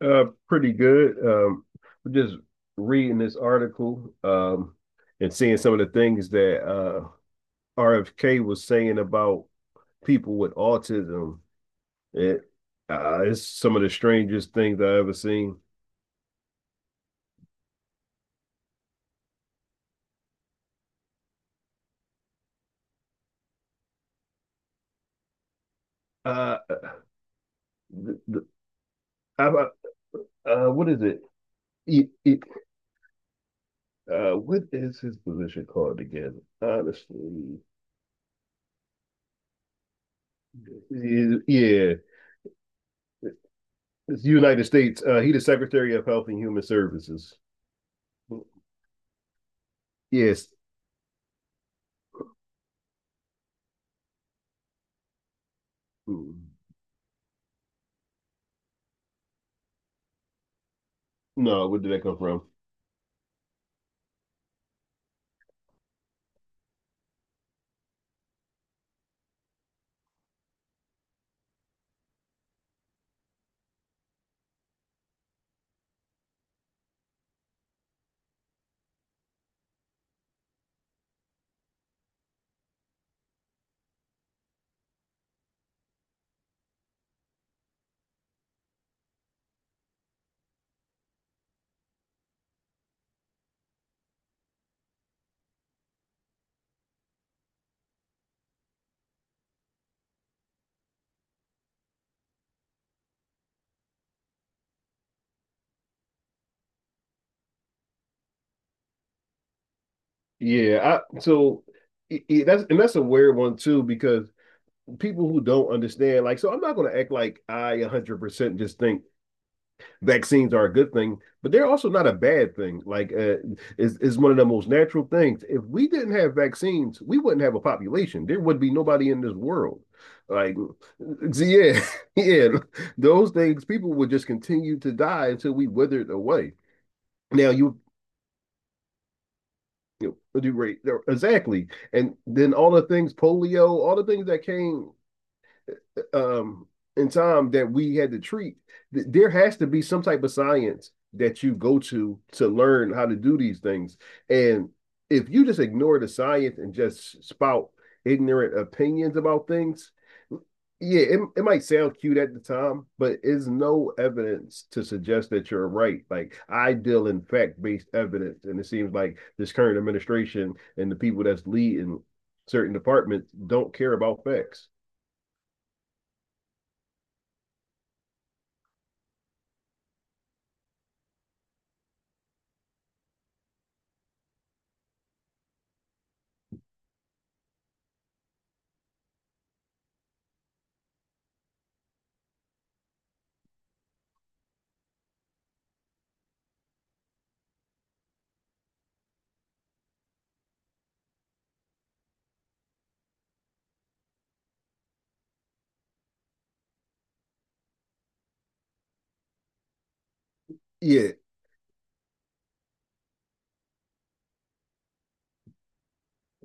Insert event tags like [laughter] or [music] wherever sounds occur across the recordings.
Pretty good. Just reading this article, and seeing some of the things that RFK was saying about people with autism. It it's some of the strangest things I've ever seen. Uh, the, I, what is it? It, What is his position called again? Honestly, yeah, it's the United States. He's the Secretary of Health and Human Services. Yes. Mm-hmm. No, where did that come from? Yeah, I so I- that's and that's a weird one too, because people who don't understand, like, so I'm not going to act like I 100% just think vaccines are a good thing, but they're also not a bad thing. Is one of the most natural things. If we didn't have vaccines, we wouldn't have a population. There would be nobody in this world. Like, so yeah, [laughs] yeah, those things, people would just continue to die until we withered away. Now you know, do rate exactly, and then all the things, polio, all the things that came um in time that we had to treat. There has to be some type of science that you go to learn how to do these things. And if you just ignore the science and just spout ignorant opinions about things, yeah, it might sound cute at the time, but it's no evidence to suggest that you're right. Like, I deal in fact-based evidence, and it seems like this current administration and the people that's leading certain departments don't care about facts. Yeah.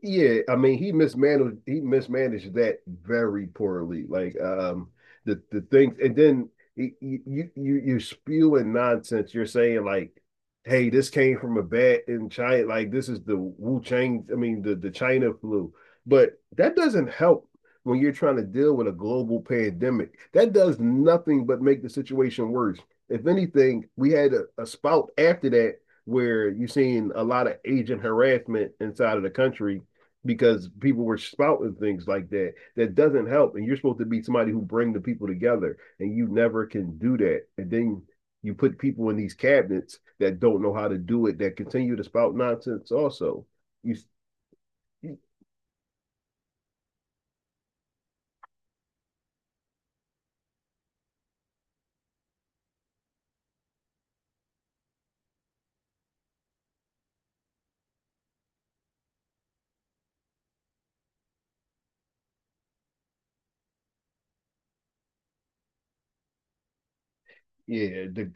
Yeah, I mean, he mismanaged that very poorly. Like, the things, and then you you're spewing nonsense. You're saying, like, hey, this came from a bat in China. Like, this is the Wu Chang. I mean, the China flu. But that doesn't help when you're trying to deal with a global pandemic. That does nothing but make the situation worse. If anything, we had a spout after that where you've seen a lot of agent harassment inside of the country because people were spouting things like that, that doesn't help. And you're supposed to be somebody who bring the people together, and you never can do that. And then you put people in these cabinets that don't know how to do it, that continue to spout nonsense also. You yeah the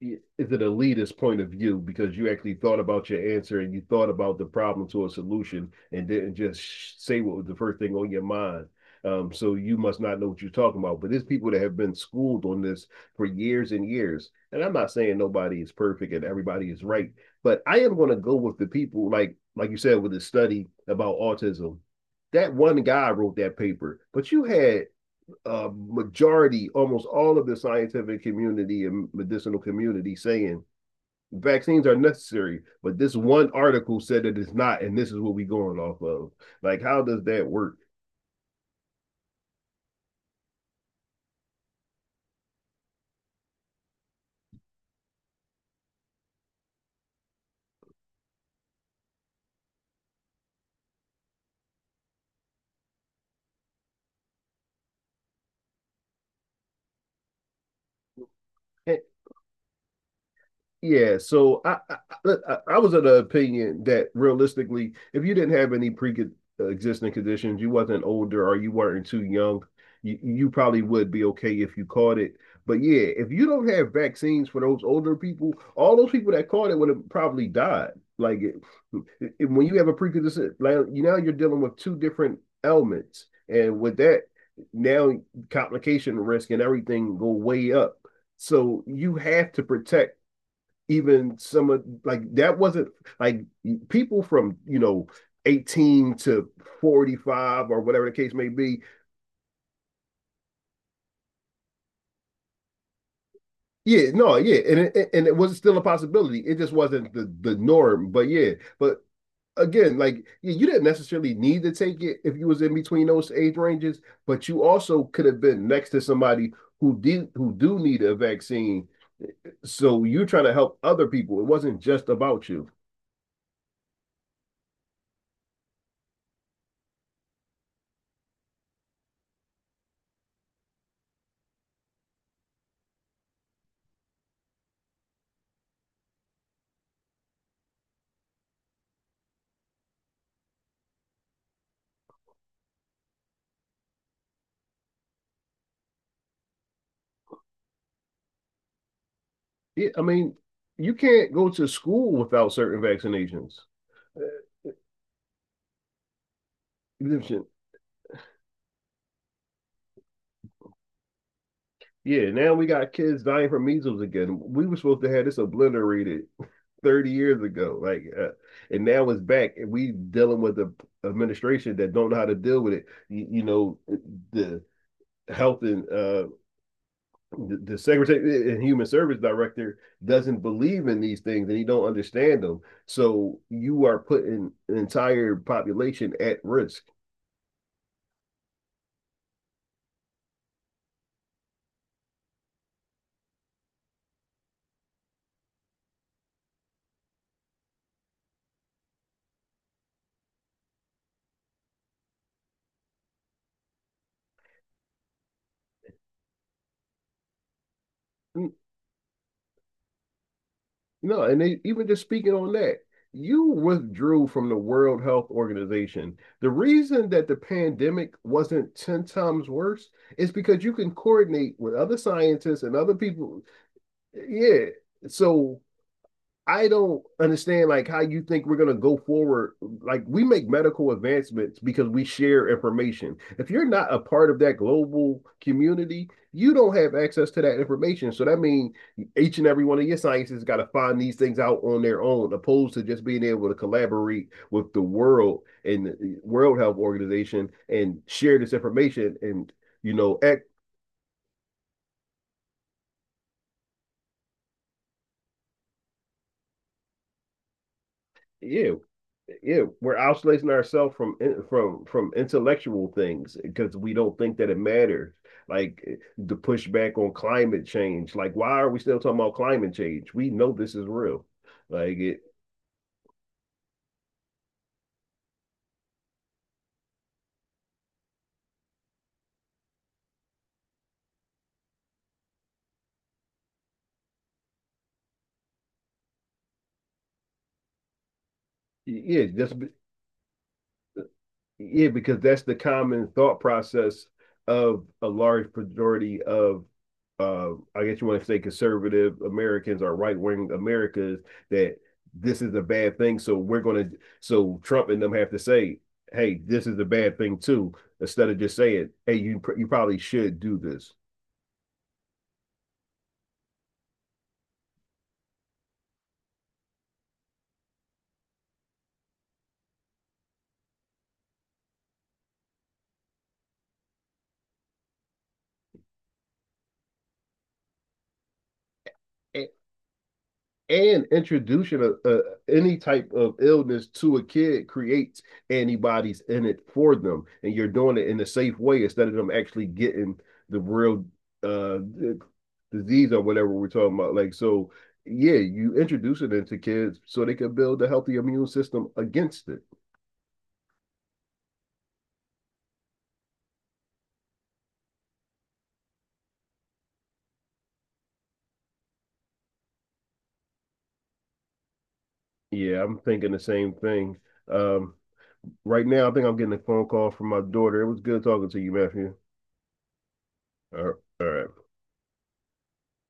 Is an elitist point of view, because you actually thought about your answer and you thought about the problem to a solution, and didn't just say what was the first thing on your mind. So you must not know what you're talking about. But there's people that have been schooled on this for years and years. And I'm not saying nobody is perfect and everybody is right, but I am going to go with the people, like you said, with the study about autism. That one guy wrote that paper, but you had majority, almost all of the scientific community and medicinal community saying vaccines are necessary, but this one article said that it's not, and this is what we're going off of. Like, how does that work? Yeah, so I, I I was of the opinion that realistically, if you didn't have any pre-existing conditions, you wasn't older or you weren't too young, you probably would be okay if you caught it. But yeah, if you don't have vaccines for those older people, all those people that caught it would have probably died. Like, when you have a pre-existing, like, you now you're dealing with two different ailments, and with that, now complication risk and everything go way up. So you have to protect even some of, like, that wasn't, like, people from, you know, 18 to 45, or whatever the case may be. Yeah no Yeah, and and it was still a possibility, it just wasn't the norm. But yeah, but again, like, yeah, you didn't necessarily need to take it if you was in between those age ranges, but you also could have been next to somebody who did, who do need a vaccine, so you're trying to help other people. It wasn't just about you. Yeah, I mean, you can't go to school without certain vaccinations. Yeah, now we got kids dying from measles again. We were supposed to have this obliterated 30 years ago. And now it's back, and we dealing with the administration that don't know how to deal with it. You know, the health and the secretary and human service director doesn't believe in these things, and he don't understand them. So you are putting an entire population at risk. No, and they, even just speaking on that, you withdrew from the World Health Organization. The reason that the pandemic wasn't 10 times worse is because you can coordinate with other scientists and other people. Yeah. So I don't understand, like, how you think we're gonna go forward. Like, we make medical advancements because we share information. If you're not a part of that global community, you don't have access to that information. So that means each and every one of your scientists got to find these things out on their own, opposed to just being able to collaborate with the world and the World Health Organization and share this information, and you know, act you yeah, we're isolating ourselves from from intellectual things because we don't think that it matters. Like, the pushback on climate change. Like, why are we still talking about climate change? We know this is real. Like, it, yeah, just Yeah, because that's the common thought process of a large majority of, I guess you want to say, conservative Americans or right wing Americans, that this is a bad thing. So we're going to, so Trump and them have to say, hey, this is a bad thing too, instead of just saying, hey, you probably should do this. And, and introducing any type of illness to a kid creates antibodies in it for them, and you're doing it in a safe way instead of them actually getting the real uh, disease, or whatever we're talking about. Like, so yeah, you introduce it into kids so they can build a healthy immune system against it. Yeah, I'm thinking the same thing. um, right now I think I'm getting a phone call from my daughter. It was good talking to you, Matthew. All right. All right.